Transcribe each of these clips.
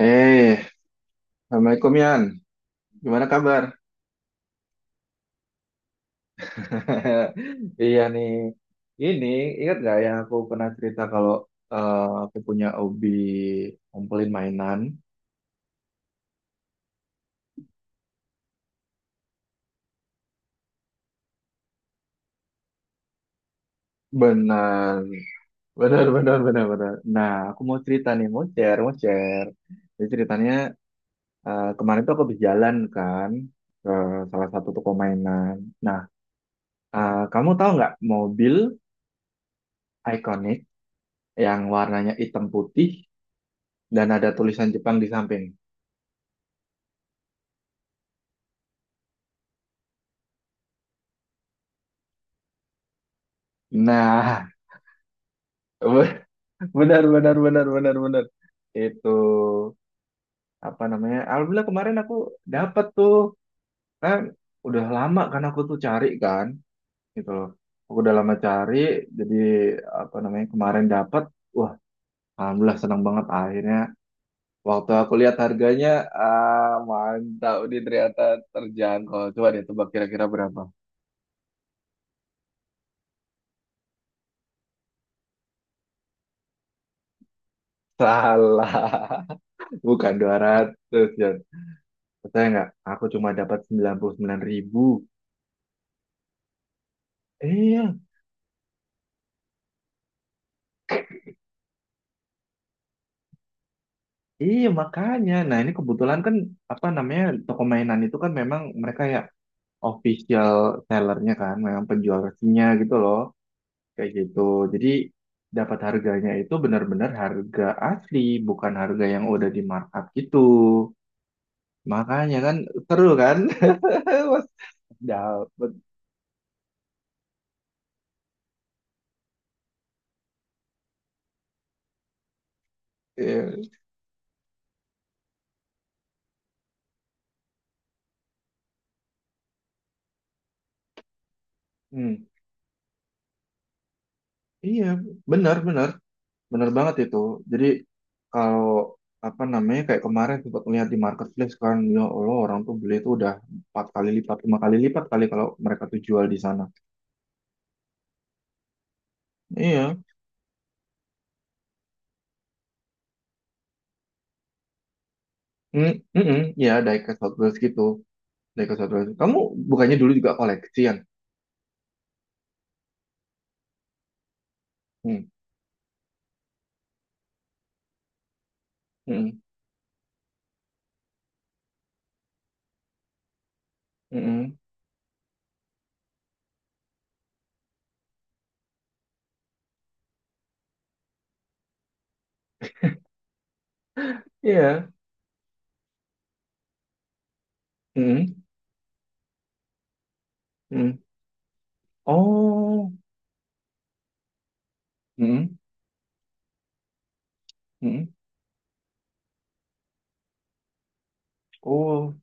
Eh, Assalamualaikum Yan. Gimana kabar? Iya nih. Ini ingat gak yang aku pernah cerita kalau aku punya hobi ngumpulin mainan? Benar, benar, benar, benar, benar. Nah, aku mau cerita nih, mau share, mau share. Jadi ceritanya kemarin tuh aku habis jalan kan ke salah satu toko mainan. Nah, kamu tahu nggak mobil ikonik yang warnanya hitam putih dan ada tulisan Jepang di samping? Nah, benar benar benar benar benar. Itu apa namanya? Alhamdulillah kemarin aku dapat tuh. Kan udah lama kan aku tuh cari kan gitu loh. Aku udah lama cari jadi apa namanya? Kemarin dapat. Wah, alhamdulillah senang banget akhirnya. Waktu aku lihat harganya, ah mantap nih ternyata terjangkau. Coba deh tebak kira-kira berapa? Salah, bukan 200 ya. Percaya nggak? Aku cuma dapat 99 ribu. Iya, iya makanya. Nah ini kebetulan kan apa namanya toko mainan itu kan memang mereka ya official sellernya kan, memang penjual resminya gitu loh, kayak gitu. Jadi dapat harganya itu benar-benar harga asli, bukan harga yang udah di markup gitu. Makanya kan seru kan, mas dapet. Iya, hmm. Iya, benar-benar. Bener banget itu. Jadi kalau apa namanya kayak kemarin sempat melihat di marketplace kan ya Allah orang tuh beli itu udah 4 kali lipat, 5 kali lipat kali kalau mereka tuh jual di sana. Iya, mm, mm-mm. Iya diecast Hot Wheels gitu, diecast Hot Wheels. Kamu bukannya dulu juga koleksian? Hmm, mm-mm, mm-mm. Iya, mm-mm, mm-mm. Oh, mm-mm, mm-mm. Oh,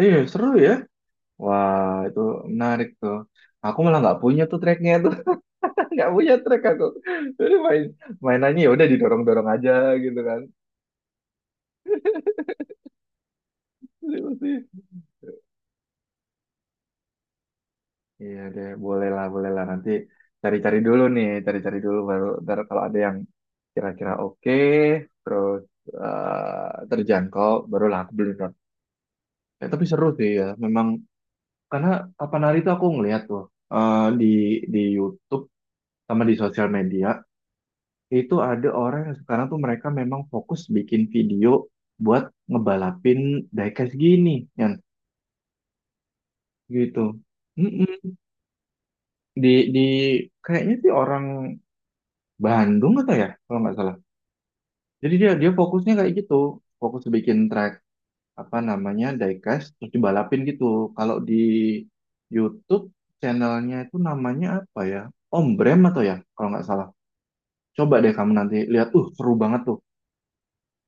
iya seru ya. Wah itu menarik tuh. Aku malah nggak punya tuh tracknya, nggak punya track aku, jadi main mainannya ya udah didorong dorong aja gitu kan. Jadi mesti iya deh, boleh lah, boleh lah, nanti cari cari dulu nih, cari cari dulu, baru ntar kalau ada yang kira kira oke terus terjangkau barulah aku beli drone ya. Tapi seru sih ya memang, karena kapan hari itu aku ngeliat tuh eh, di di YouTube sama di sosial media itu ada orang yang sekarang tuh mereka memang fokus bikin video buat ngebalapin diecast gini ya gitu. Mm-mm. Di di kayaknya sih orang Bandung atau ya kalau nggak salah. Jadi dia dia fokusnya kayak gitu, fokus bikin track apa namanya diecast terus dibalapin gitu. Kalau di YouTube channelnya itu namanya apa ya? Om Brem atau ya kalau nggak salah. Coba deh kamu nanti lihat, seru banget tuh,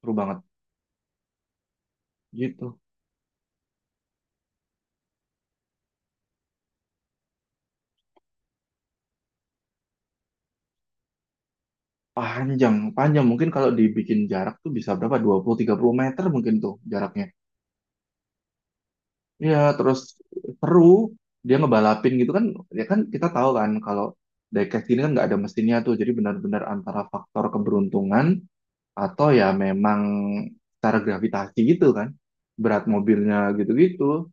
seru banget gitu. Panjang, panjang mungkin kalau dibikin jarak tuh bisa berapa? Dua puluh tiga puluh meter mungkin tuh jaraknya. Iya, terus seru. Dia ngebalapin gitu kan. Ya kan kita tahu kan kalau diecast ini kan nggak ada mesinnya tuh. Jadi benar-benar antara faktor keberuntungan atau ya memang secara gravitasi gitu kan. Berat mobilnya gitu-gitu.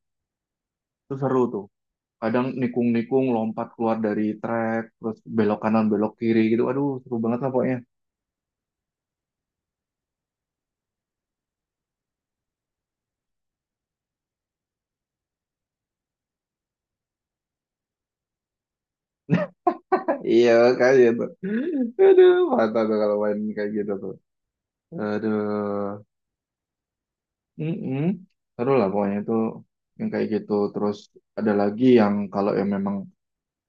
Itu seru tuh. Kadang nikung-nikung, lompat keluar dari trek, terus belok kanan, belok kiri gitu. Aduh, seru banget lah pokoknya. Iya, kayak gitu. Aduh, mantap tuh kalau main kayak gitu tuh. Aduh. mm Seru lah pokoknya itu yang kayak gitu. Terus ada lagi yang kalau yang memang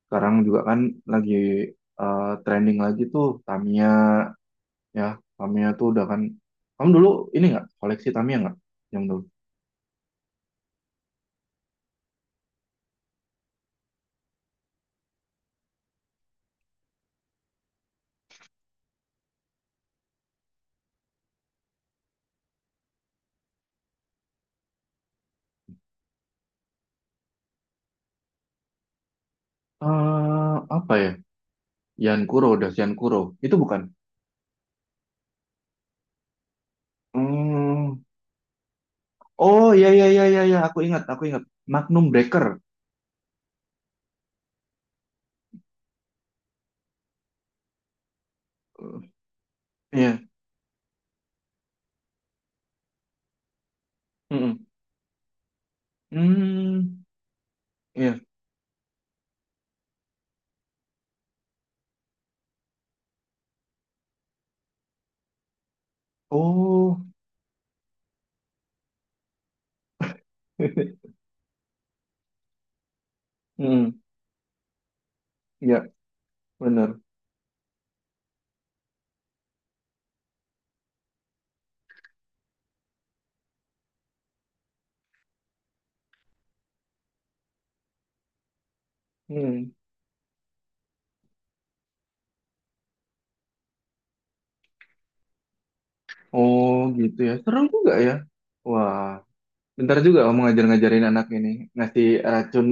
sekarang juga kan lagi trending lagi tuh Tamiya ya. Tamiya tuh udah kan. Kamu dulu ini nggak koleksi Tamiya nggak? Yang dulu. Eh, apa ya? Yan Kuro, udah Yan Kuro. Itu bukan. Hmm. Oh ya ya ya ya iya. Aku ingat aku ingat. Magnum Breaker. Eh, Iya. Mm-mm. Hmm. Iya. Oh. Hmm. Ya benar. Hmm. Oh gitu ya, seru juga ya. Wah, bentar juga kamu ngajar-ngajarin anak ini, ngasih racun,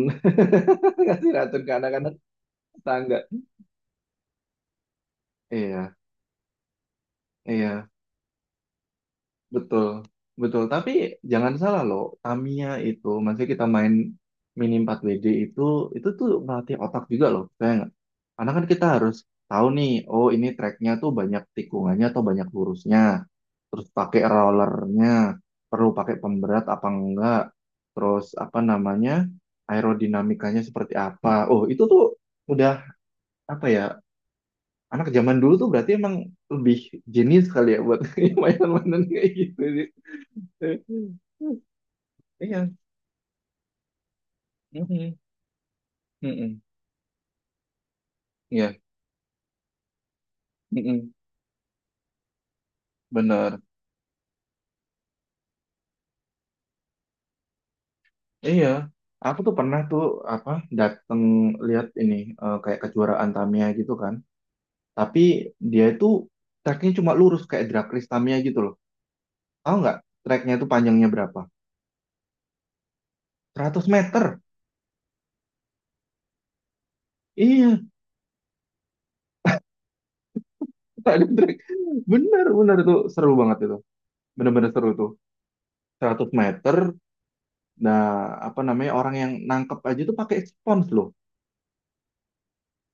ngasih racun ke anak-anak tetangga. Iya, iya. Betul, betul. Tapi jangan salah loh, Tamiya itu, masih kita main mini 4WD itu tuh melatih otak juga loh, saya nggak? Karena kan kita harus tahu nih, oh ini tracknya tuh banyak tikungannya atau banyak lurusnya, terus pakai rollernya, perlu pakai pemberat apa enggak, terus apa namanya, aerodinamikanya seperti apa. Oh itu tuh udah apa ya, anak zaman dulu tuh berarti emang lebih jenius kali ya buat mainan-mainan kayak gitu. Iya. Mm-mm. Mm-mm. Iya. Mm-mm. Benar. Iya. Aku tuh pernah tuh apa dateng lihat ini kayak kejuaraan Tamiya gitu kan. Tapi dia itu treknya cuma lurus kayak drag race Tamiya gitu loh. Tahu nggak treknya itu panjangnya berapa? 100 meter. Iya, tak ada trek. Bener, bener itu seru banget itu. Bener-bener seru tuh. 100 meter. Nah, apa namanya orang yang nangkep aja tuh pakai spons loh.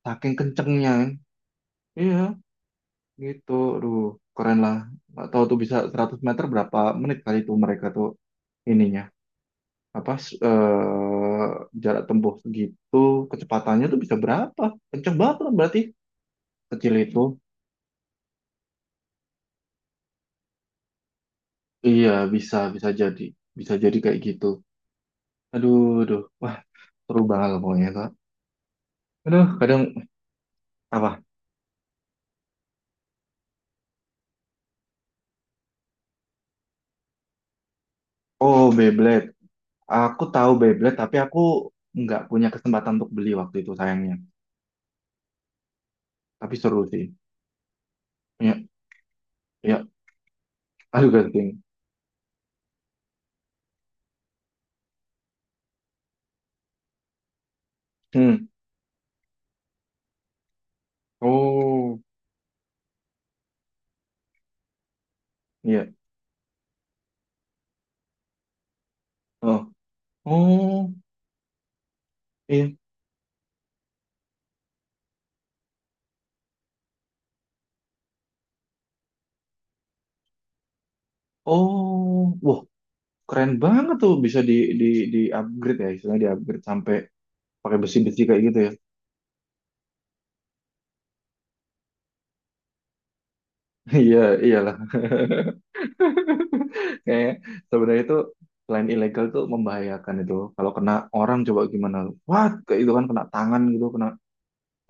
Saking kencengnya kan. Iya. Gitu, aduh, keren lah. Nggak tahu tuh bisa 100 meter berapa menit kali tuh mereka tuh ininya. Apa, jarak tempuh segitu, kecepatannya tuh bisa berapa? Kenceng banget lah berarti. Kecil itu. Iya, bisa, bisa jadi. Bisa jadi kayak gitu. Aduh, aduh. Wah, seru banget lah pokoknya, Kak. Aduh, kadang, apa? Oh, Beyblade. Aku tahu Beyblade, tapi aku nggak punya kesempatan untuk beli waktu itu, sayangnya. Tapi seru sih. Ya, ya. Aduh, gasing. Hmm. Oh. Iya. Oh. Oh, iya. Oh, wah, keren banget tuh bisa di di upgrade ya, istilahnya di upgrade sampai pakai besi-besi kayak gitu ya. Iya, iyalah. Kayak sebenarnya itu selain ilegal tuh membahayakan itu. Kalau kena orang coba gimana? What? Kayak itu kan kena tangan gitu, kena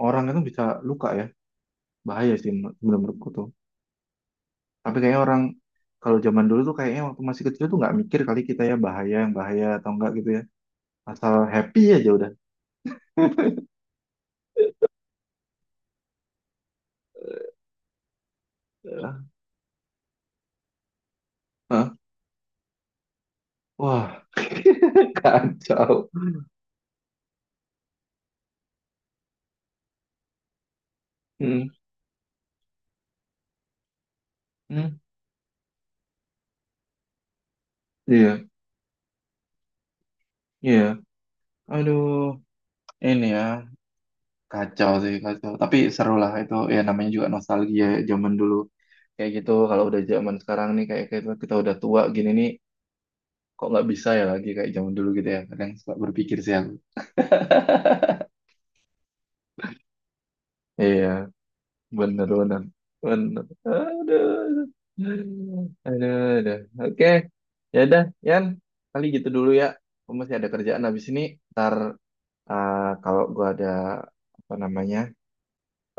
orang itu bisa luka ya. Bahaya sih menurutku tuh. Tapi kayaknya orang kalau zaman dulu tuh kayaknya waktu masih kecil tuh nggak mikir kali kita ya bahaya yang bahaya atau enggak gitu ya. Asal happy aja udah. Eh, Hah? Wah, kacau. Hmm. Hmm. Iya, iya. Aduh, ini ya kacau sih kacau. Tapi seru lah itu ya namanya juga nostalgia ya, zaman dulu kayak gitu. Kalau udah zaman sekarang nih kayak kita udah tua gini nih kok nggak bisa ya lagi kayak zaman dulu gitu ya. Kadang suka berpikir sih aku. Iya, bener bener bener. Aduh, aduh, aduh. Oke, ya udah, Yan. Kali gitu dulu ya. Aku masih ada kerjaan habis ini. Ntar kalau gua ada apa namanya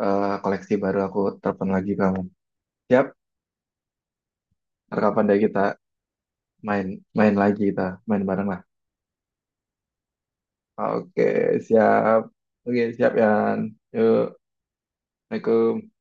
koleksi baru aku telepon lagi kamu. Siap, ntar kapan deh kita main main lagi kita main bareng lah. Oke, siap. Oke, siap Yan. Yuk, Assalamualaikum.